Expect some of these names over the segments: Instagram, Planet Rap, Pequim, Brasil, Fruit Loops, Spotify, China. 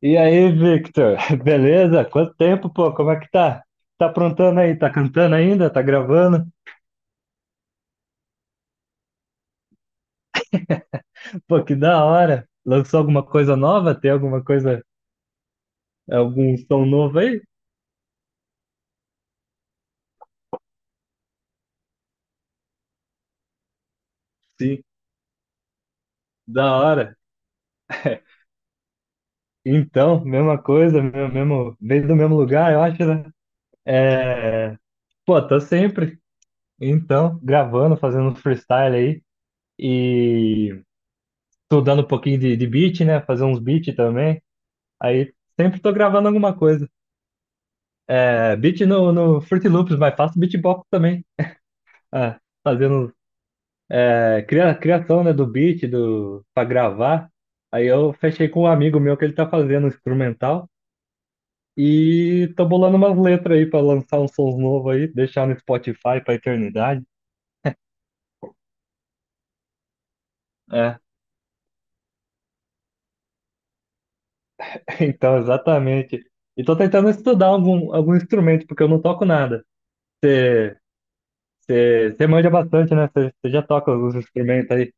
E aí, Victor? Beleza? Quanto tempo, pô? Como é que tá? Tá aprontando aí? Tá cantando ainda? Tá gravando? Pô, que da hora! Lançou alguma coisa nova? Tem alguma coisa, algum som novo aí? Sim, da hora. Então, mesma coisa, mesmo, veio do mesmo lugar, eu acho, né? É, pô, tô sempre, então, gravando, fazendo uns freestyle aí e estudando um pouquinho de beat, né? Fazer uns beats também. Aí sempre tô gravando alguma coisa. É, beat no Fruit Loops, mas faço beatbox também. Ah, fazendo é, criação, né, do beat do, pra gravar. Aí eu fechei com um amigo meu que ele tá fazendo instrumental. E tô bolando umas letras aí pra lançar um som novo aí, deixar no Spotify pra eternidade. É, então, exatamente. E tô tentando estudar algum instrumento, porque eu não toco nada. Você manja bastante, né? Você já toca alguns instrumentos aí?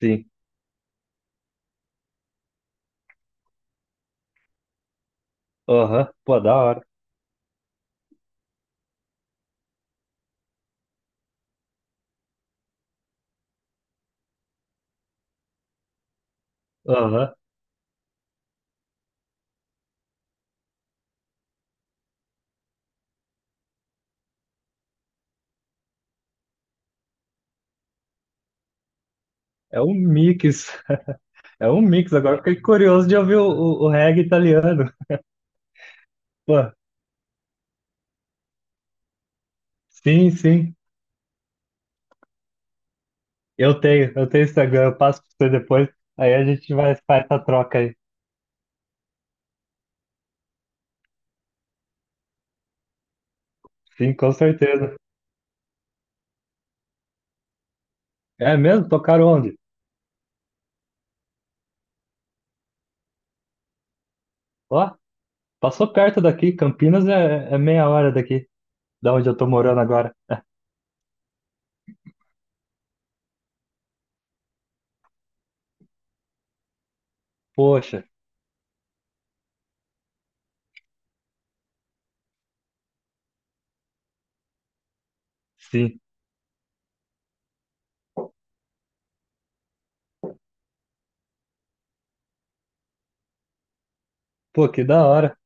Sim. Aham, pô, da hora. Aham. É um mix, é um mix. Agora fiquei curioso de ouvir o reggae italiano. Pô, sim, sim. Eu tenho Instagram, eu passo pra você depois. Aí a gente vai faz essa troca aí. Sim, com certeza. É mesmo? Tocaram onde? Ó, passou perto daqui. Campinas é meia hora daqui, da onde eu tô morando agora. Poxa, sim. Pô, que da hora.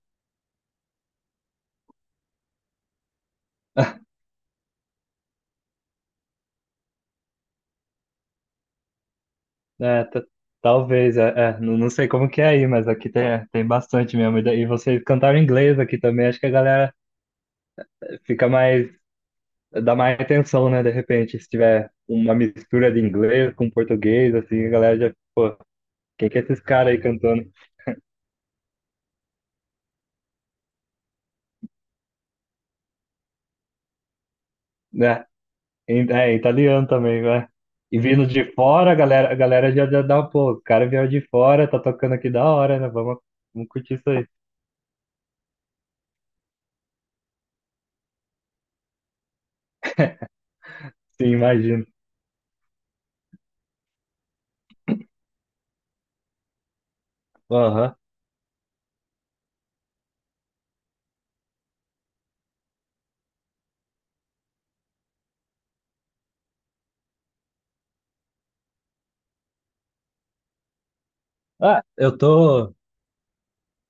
É, talvez, é, não, não sei como que é aí, mas aqui tem, é, tem bastante mesmo. E daí vocês cantaram em inglês aqui também. Acho que a galera fica mais dá mais atenção, né? De repente, se tiver uma mistura de inglês com português, assim, a galera já, pô, quem que é esses caras aí cantando? Né? É, em italiano também, né? E vindo de fora, a galera já, já dá, pô, o cara veio de fora, tá tocando aqui da hora, né? Vamos, vamos curtir isso aí. Sim, imagino. Aham. Ah, eu tô.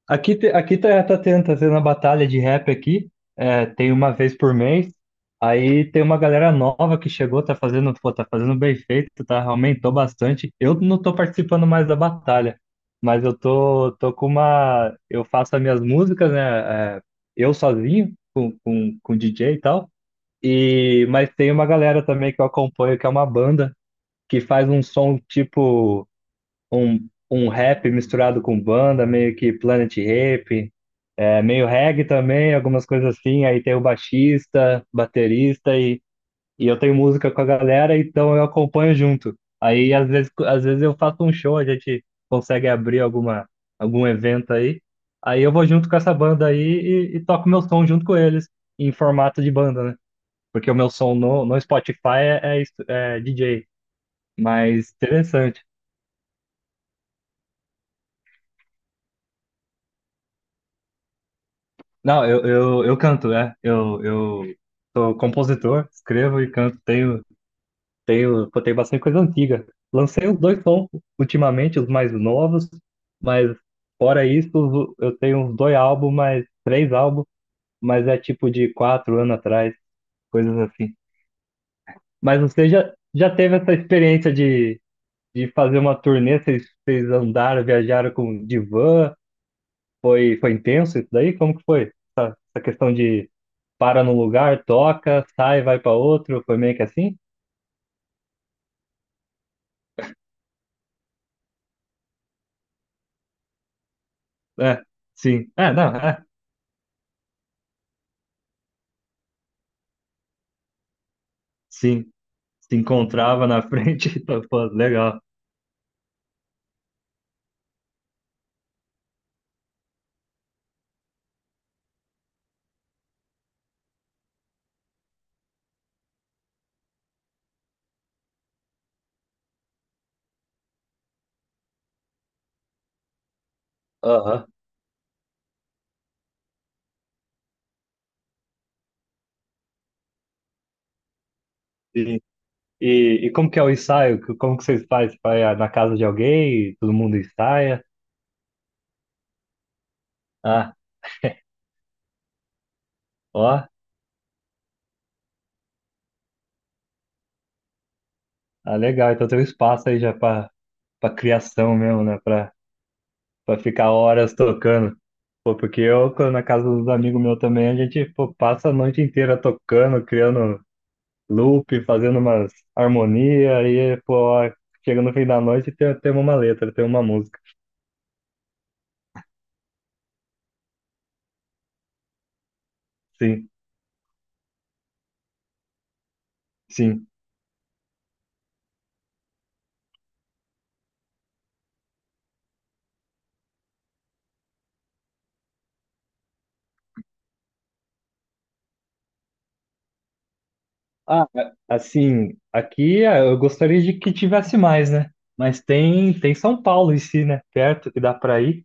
Aqui, aqui tá, tá tendo a batalha de rap aqui, é, tem uma vez por mês, aí tem uma galera nova que chegou, tá fazendo, pô, tá fazendo bem feito, tá, aumentou bastante. Eu não tô participando mais da batalha, mas eu tô com uma, eu faço as minhas músicas, né, é, eu sozinho, com DJ e tal, e, mas tem uma galera também que eu acompanho, que é uma banda, que faz um som tipo um rap misturado com banda, meio que Planet Rap, é, meio reggae também, algumas coisas assim. Aí tem o baixista, baterista e eu tenho música com a galera, então eu acompanho junto. Aí às vezes eu faço um show, a gente consegue abrir alguma, algum evento aí. Aí eu vou junto com essa banda aí e toco meu som junto com eles, em formato de banda, né? Porque o meu som no Spotify é, é, é DJ. Mas interessante. Não, eu canto, né? Eu sou compositor, escrevo e canto. Tenho, pô, tenho bastante coisa antiga. Lancei os dois sons ultimamente, os mais novos, mas fora isso, eu tenho uns dois álbuns, mas três álbuns, mas é tipo de quatro anos atrás, coisas assim. Mas você já, já teve essa experiência de fazer uma turnê? Vocês, vocês andaram, viajaram com de van? Foi, foi intenso isso daí? Como que foi? Essa questão para no lugar, toca, sai, vai para outro, foi meio que assim? É, sim. É, não, é, sim. Se encontrava na frente, então, pô, legal. Aham, sim. E como que é o ensaio? Como que vocês fazem? Vai ah, na casa de alguém, todo mundo ensaia? Ah, ó, ah, legal. Então tem um espaço aí já para para criação mesmo, né? Para para ficar horas tocando. Pô, porque eu, quando na casa dos amigos meus também, a gente, pô, passa a noite inteira tocando, criando loop, fazendo umas harmonia, aí, pô, chega no fim da noite e tem, tem uma letra, tem uma música. Sim, sim. Ah, assim, aqui ah, eu gostaria de que tivesse mais, né? Mas tem, tem São Paulo em si, né? Perto que dá pra ir.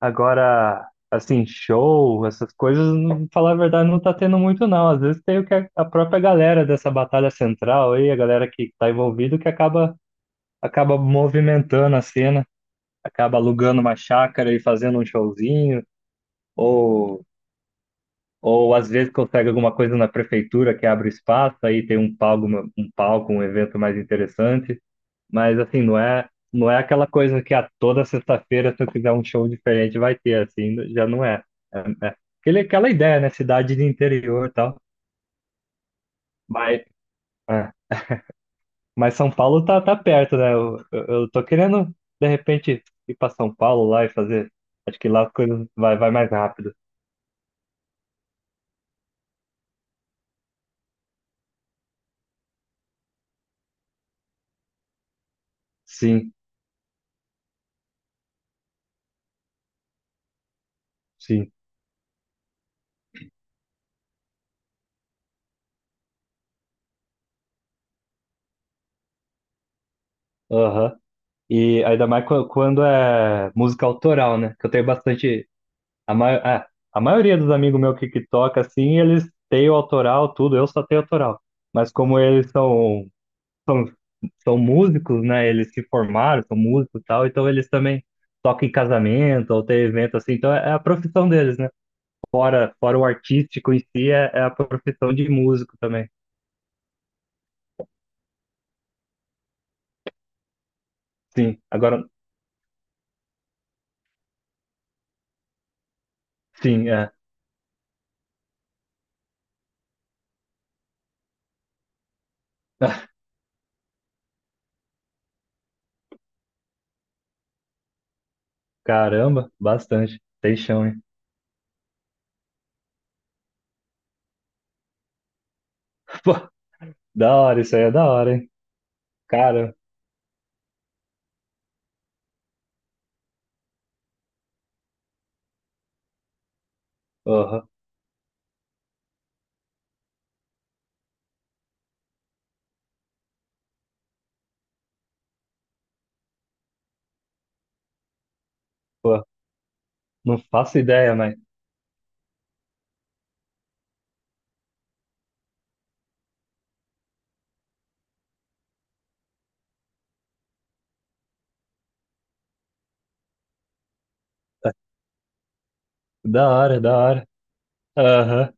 Agora, assim, show, essas coisas, falar a verdade, não tá tendo muito, não. Às vezes tem o que a própria galera dessa batalha central aí, a galera que tá envolvida, que acaba, acaba movimentando a cena. Acaba alugando uma chácara e fazendo um showzinho, ou, ou às vezes consegue alguma coisa na prefeitura que abre espaço, aí tem um palco, um palco, um evento mais interessante, mas assim, não é aquela coisa que a toda sexta-feira, se eu quiser um show diferente, vai ter, assim, já não é. É, é. Aquele, aquela ideia, né? Cidade de interior e tal. Mas, é. Mas São Paulo tá, tá perto, né? Eu tô querendo, de repente, ir para São Paulo lá e fazer. Acho que lá as coisas vai, vai mais rápido. Sim. Sim. Aham. E ainda mais quando é música autoral, né? Que eu tenho bastante. A, é, a maioria dos amigos meus que toca, assim, eles têm o autoral, tudo, eu só tenho autoral. Mas como eles são, são músicos, né? Eles se formaram, são músicos e tal, então eles também tocam em casamento ou tem evento assim, então é, é a profissão deles, né? Fora, fora o artístico em si, é, é a profissão de músico também. Sim, agora, sim, é. Caramba, bastante. Tem chão, hein? Da hora, isso aí é da hora, hein? Cara, porra, pô, não faço ideia, mas tá- da hora, é da hora. Aham.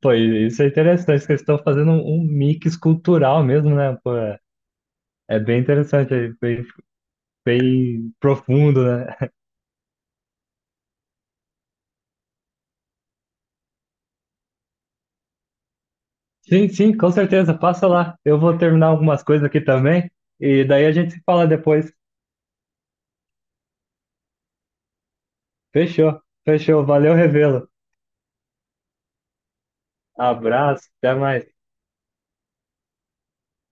Pô, e isso é interessante, que eles estão fazendo um, um mix cultural mesmo, né? Pô, é, é bem interessante, é bem, bem profundo, né? Sim, sim, com certeza, passa lá. Eu vou terminar algumas coisas aqui também, e daí a gente se fala depois. Fechou, fechou, valeu, revelo. Abraço, até mais.